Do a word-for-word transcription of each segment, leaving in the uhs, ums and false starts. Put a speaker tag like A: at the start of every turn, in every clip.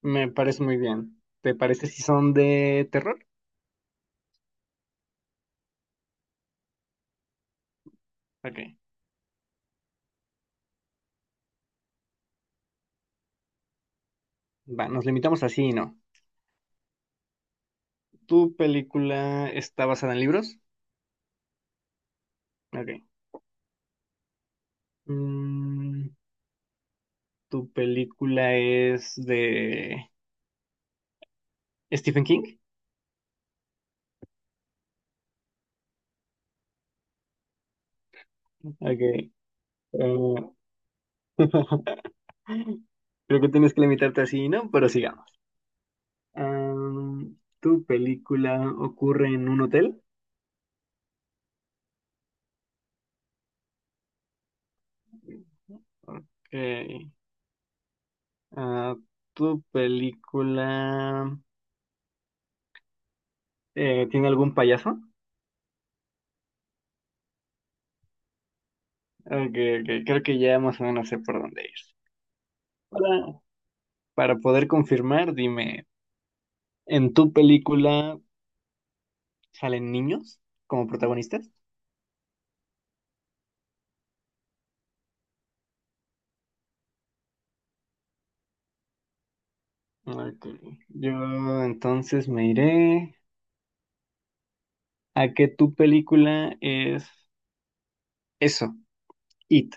A: Me parece muy bien. ¿Te parece si son de terror? Ok. Va, nos limitamos así, y no. ¿Tu película está basada en libros? Ok. Mm, ¿tu película es de Stephen King? Ok. eh, creo que tienes que limitarte así, y no, pero sigamos. Am, ¿tu película ocurre en un hotel? Ok. Ah, ¿tu película eh, tiene algún payaso? Okay, okay, creo que ya más o menos sé por dónde ir. Para, para poder confirmar, dime, ¿en tu película salen niños como protagonistas? Ok. Yo Entonces me iré a que tu película es eso, It.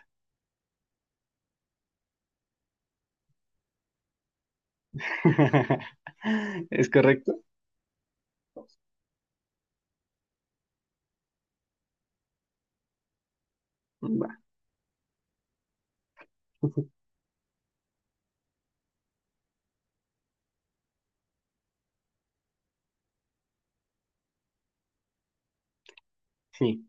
A: ¿Es correcto? Va. Sí,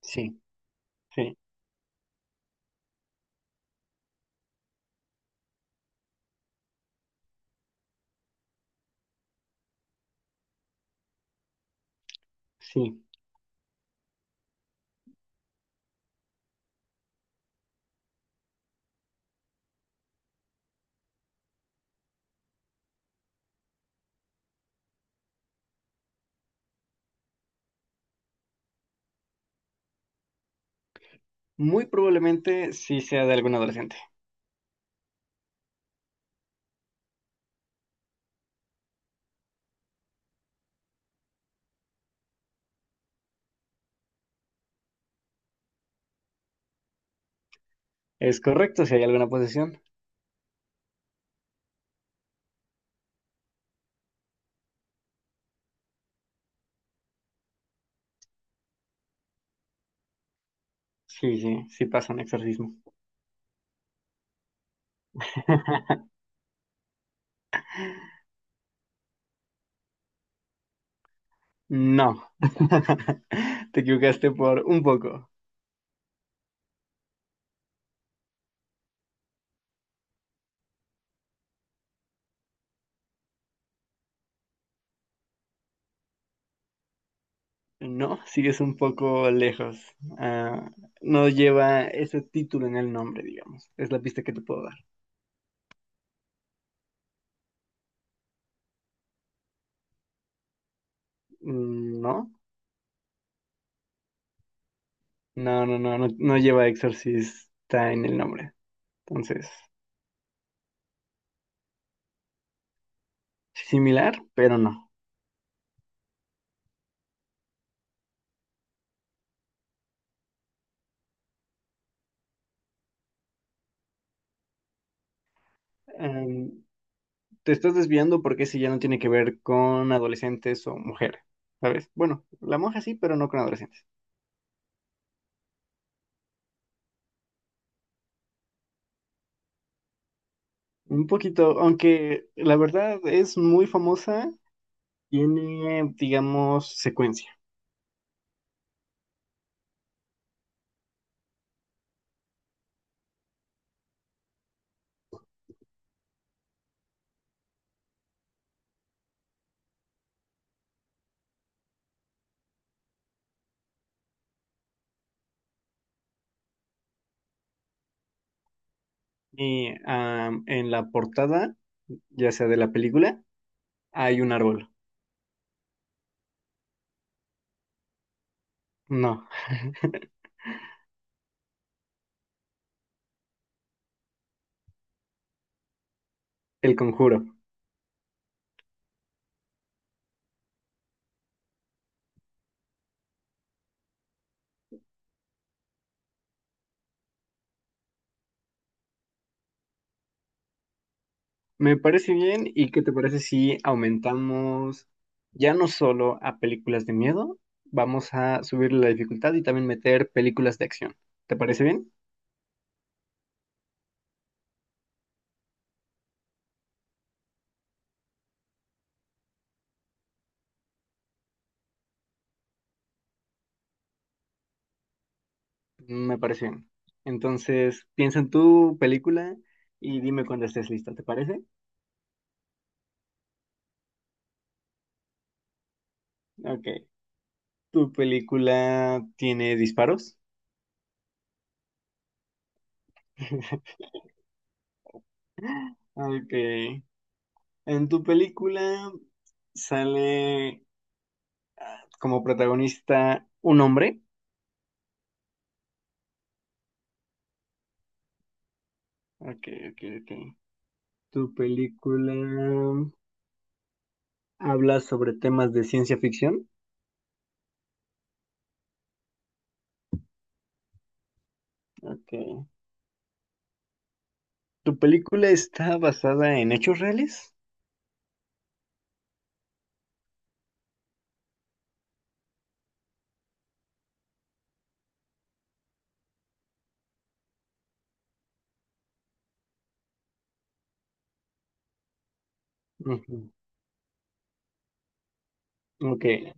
A: sí, sí, sí. Muy probablemente sí sea de algún adolescente. ¿Es correcto si hay alguna posesión? Sí, sí, sí pasa un exorcismo. No, te equivocaste por un poco. No, sigues un poco lejos. Ah, no lleva ese título en el nombre, digamos. Es la pista que te puedo dar. Mm, no, no, no, no, no, no lleva exorcista en el nombre. Entonces, similar, pero no. Em, te estás desviando porque ese ya no tiene que ver con adolescentes o mujeres, ¿sabes? Bueno, la monja sí, pero no con adolescentes. Un poquito, aunque la verdad es muy famosa. Tiene, digamos, secuencia. Y am, en la portada, ya sea de la película, hay un árbol. No, el conjuro. Me parece bien. ¿Y qué te parece si aumentamos ya no solo a películas de miedo, vamos a subir la dificultad y también meter películas de acción? ¿Te parece bien? Me parece bien. Entonces, piensa en tu película y dime cuando estés lista, ¿te parece? Ok. ¿Tu película tiene disparos? Ok. En tu película sale como protagonista un hombre. Ok, ok, ok. Tu película habla sobre temas de ciencia ficción. Ok. Tu película está basada en hechos reales. Ujú. Ok.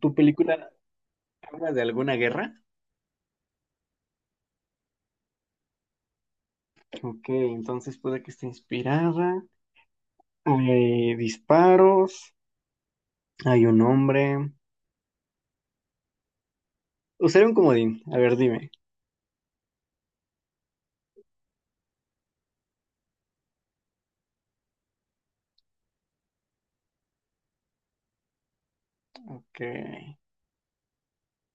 A: Tu película habla de alguna guerra. Ok, entonces puede que esté inspirada. Hay disparos. Hay un hombre. Usaré un comodín. A ver, dime. Ok.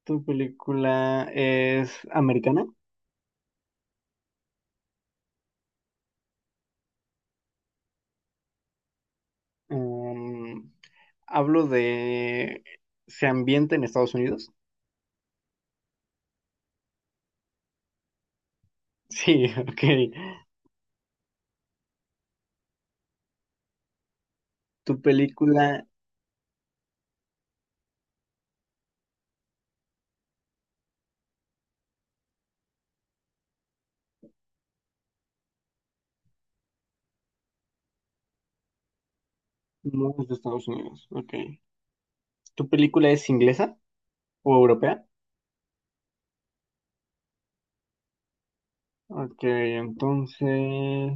A: Tu película es americana. Um, hablo de... ¿Se ambienta en Estados Unidos? Sí, ok. ¿Tu película no es de Estados Unidos? Ok. ¿Tu película es inglesa o europea? Ok, entonces...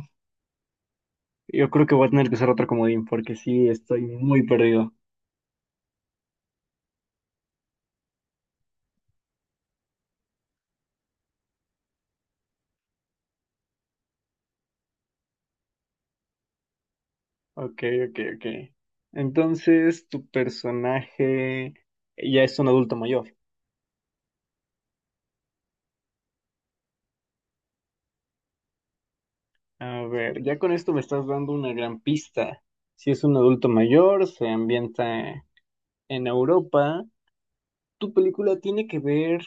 A: Yo creo que voy a tener que usar otro comodín porque sí, estoy muy perdido. Ok, ok, ok. Entonces, tu personaje ya es un adulto mayor. A ver, ya con esto me estás dando una gran pista. Si es un adulto mayor, se ambienta en Europa. ¿Tu película tiene que ver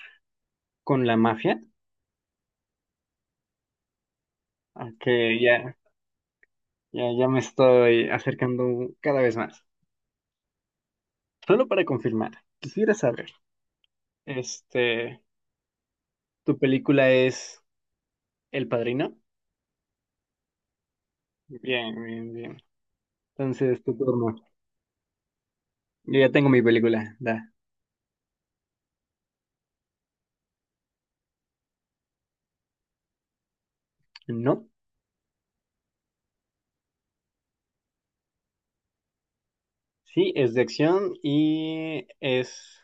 A: con la mafia? Aunque ya, ya, ya me estoy acercando cada vez más. Solo para confirmar, quisiera saber, este, ¿tu película es El Padrino? Bien, bien, bien. Entonces, tu turno. Yo ya tengo mi película. Da. ¿No? Sí, es de acción y es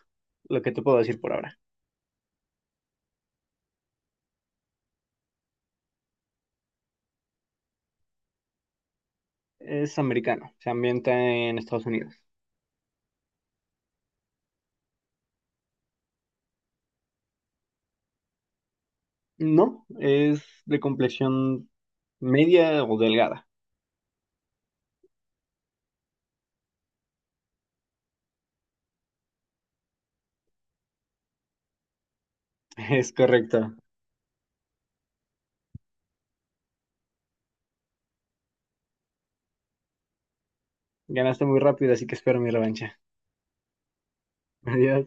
A: lo que te puedo decir por ahora. Es americano, se ambienta en Estados Unidos. No, es de complexión media o delgada. Es correcto. Ganaste muy rápido, así que espero mi revancha. Adiós.